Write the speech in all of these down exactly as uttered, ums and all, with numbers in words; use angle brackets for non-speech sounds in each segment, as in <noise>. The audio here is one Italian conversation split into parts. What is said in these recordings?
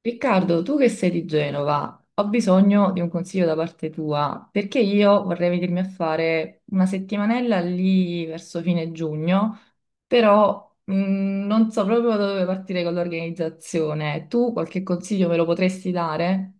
Riccardo, tu che sei di Genova, ho bisogno di un consiglio da parte tua, perché io vorrei venirmi a fare una settimanella lì verso fine giugno, però mh, non so proprio da dove partire con l'organizzazione. Tu qualche consiglio me lo potresti dare?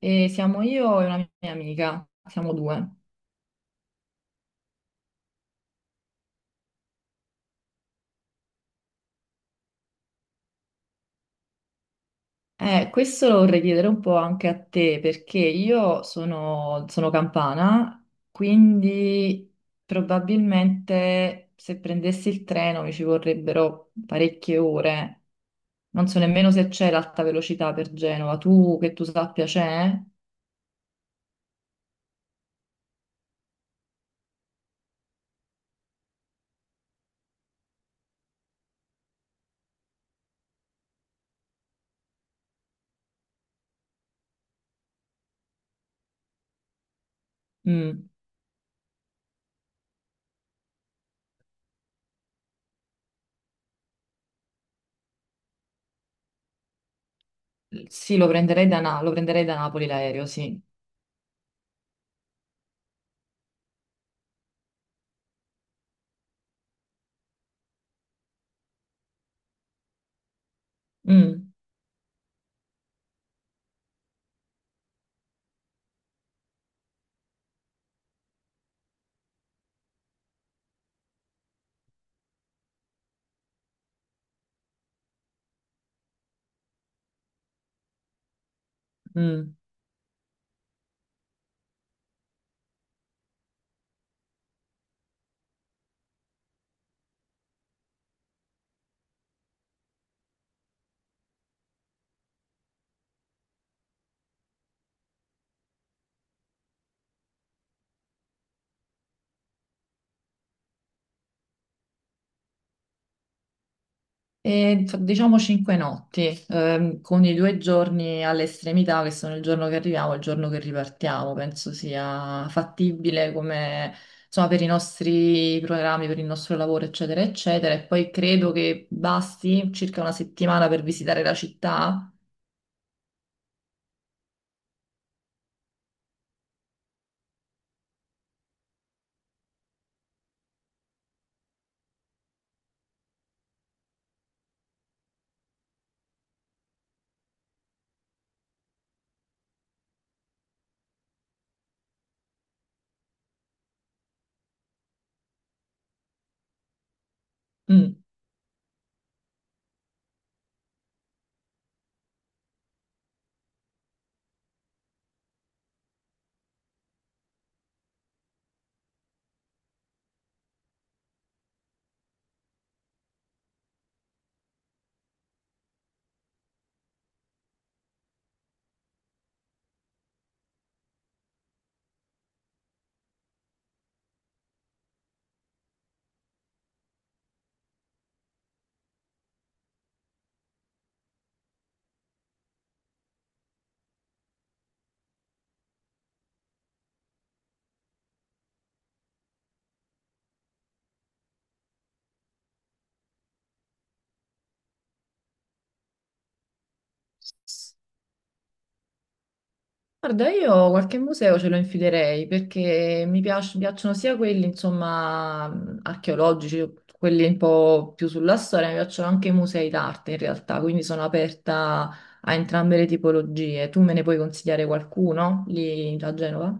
E siamo io e una mia amica, siamo due. Eh, questo lo vorrei chiedere un po' anche a te, perché io sono, sono campana, quindi probabilmente se prendessi il treno mi ci vorrebbero parecchie ore. Non so nemmeno se c'è l'alta velocità per Genova. Tu, che tu sappia, c'è? Mm. Sì, lo prenderei da, Na- lo prenderei da Napoli l'aereo, sì. Mm, mm. E, fa- diciamo cinque notti, ehm, con i due giorni all'estremità, che sono il giorno che arriviamo e il giorno che ripartiamo. Penso sia fattibile come, insomma, per i nostri programmi, per il nostro lavoro, eccetera, eccetera. E poi credo che basti circa una settimana per visitare la città. Mm. Guarda, io qualche museo ce lo infilerei perché mi piac- piacciono sia quelli, insomma, mh, archeologici, quelli un po' più sulla storia, mi piacciono anche i musei d'arte in realtà, quindi sono aperta a entrambe le tipologie. Tu me ne puoi consigliare qualcuno lì a Genova?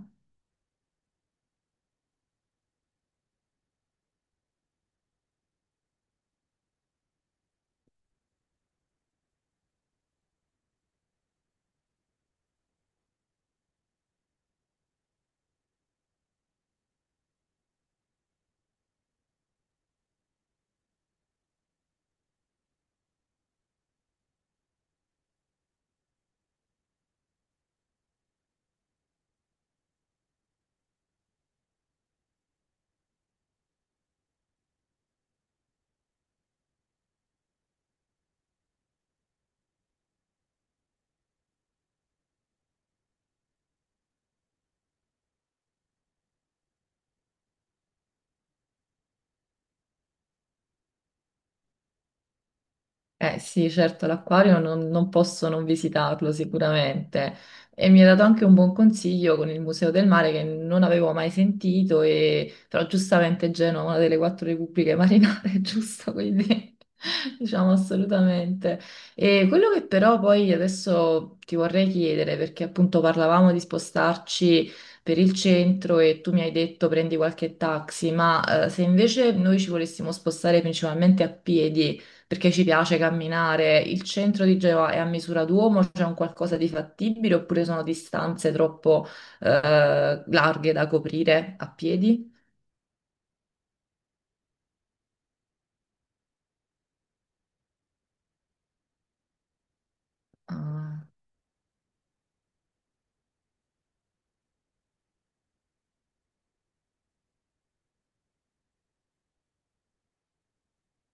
Eh sì, certo, l'acquario non, non posso non visitarlo sicuramente. E mi ha dato anche un buon consiglio con il Museo del Mare che non avevo mai sentito, e però giustamente Genova è una delle quattro repubbliche marinare, <laughs> giusto? Quindi <laughs> diciamo assolutamente. E quello che però poi adesso ti vorrei chiedere, perché appunto parlavamo di spostarci per il centro e tu mi hai detto prendi qualche taxi, ma eh, se invece noi ci volessimo spostare principalmente a piedi, perché ci piace camminare. Il centro di Genova è a misura d'uomo, c'è un qualcosa di fattibile oppure sono distanze troppo eh, larghe da coprire a piedi? Ah,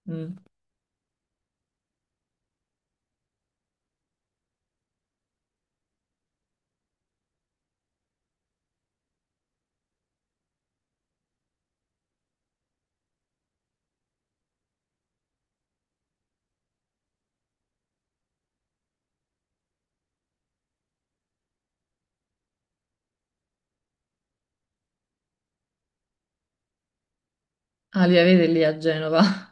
mm. Ah, li avete lì a Genova?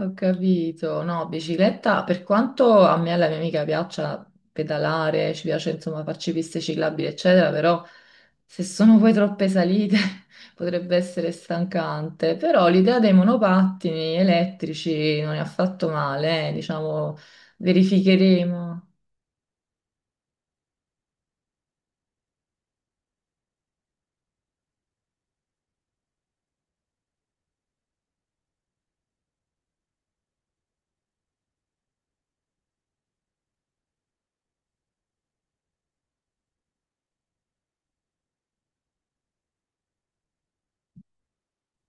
Ho capito, no, bicicletta, per quanto a me e alla mia amica piaccia pedalare, ci piace insomma farci piste ciclabili, eccetera, però se sono poi troppe salite <laughs> potrebbe essere stancante, però l'idea dei monopattini elettrici non è affatto male, eh, diciamo, verificheremo.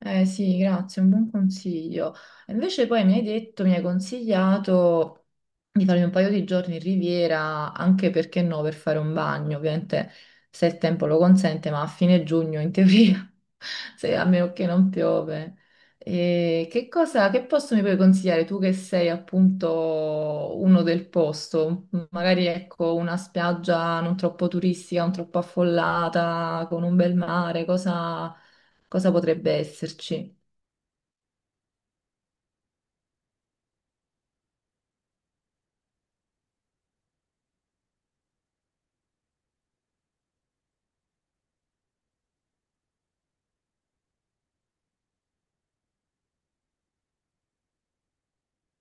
Eh sì, grazie, un buon consiglio. Invece poi mi hai detto, mi hai consigliato di farmi un paio di giorni in riviera, anche perché no, per fare un bagno, ovviamente se il tempo lo consente, ma a fine giugno in teoria, <laughs> se, a meno che non piove. E che cosa, che posto mi puoi consigliare tu che sei appunto uno del posto? Magari ecco una spiaggia non troppo turistica, non troppo affollata, con un bel mare, cosa... Cosa potrebbe esserci?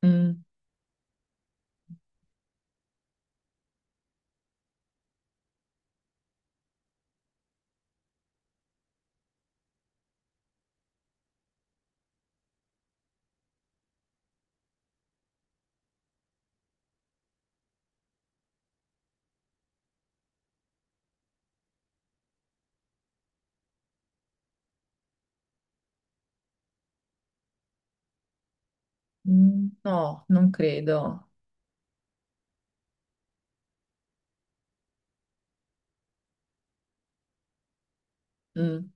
Mm, mm, no, non credo. Mm,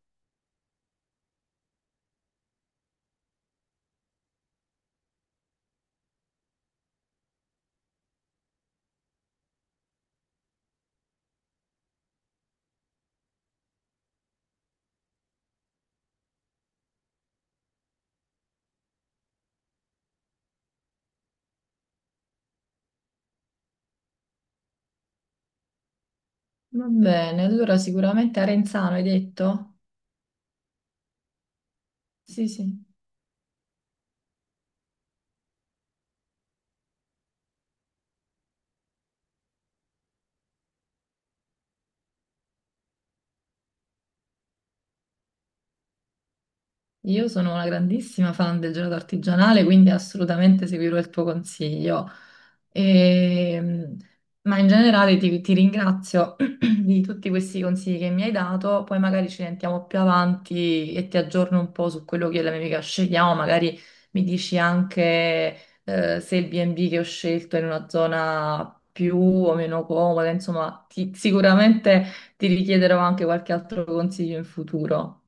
va bene, allora sicuramente Arenzano hai detto? Sì, sì. Io sono una grandissima fan del gelato artigianale, quindi assolutamente seguirò il tuo consiglio. Ehm, ma in generale ti, ti ringrazio <clears throat> di tutti questi consigli che mi hai dato, poi magari ci sentiamo più avanti e ti aggiorno un po' su quello che è la mia amica scegliamo, magari mi dici anche eh, se il B and B che ho scelto è in una zona più o meno comoda, insomma, ti- sicuramente ti richiederò anche qualche altro consiglio in futuro.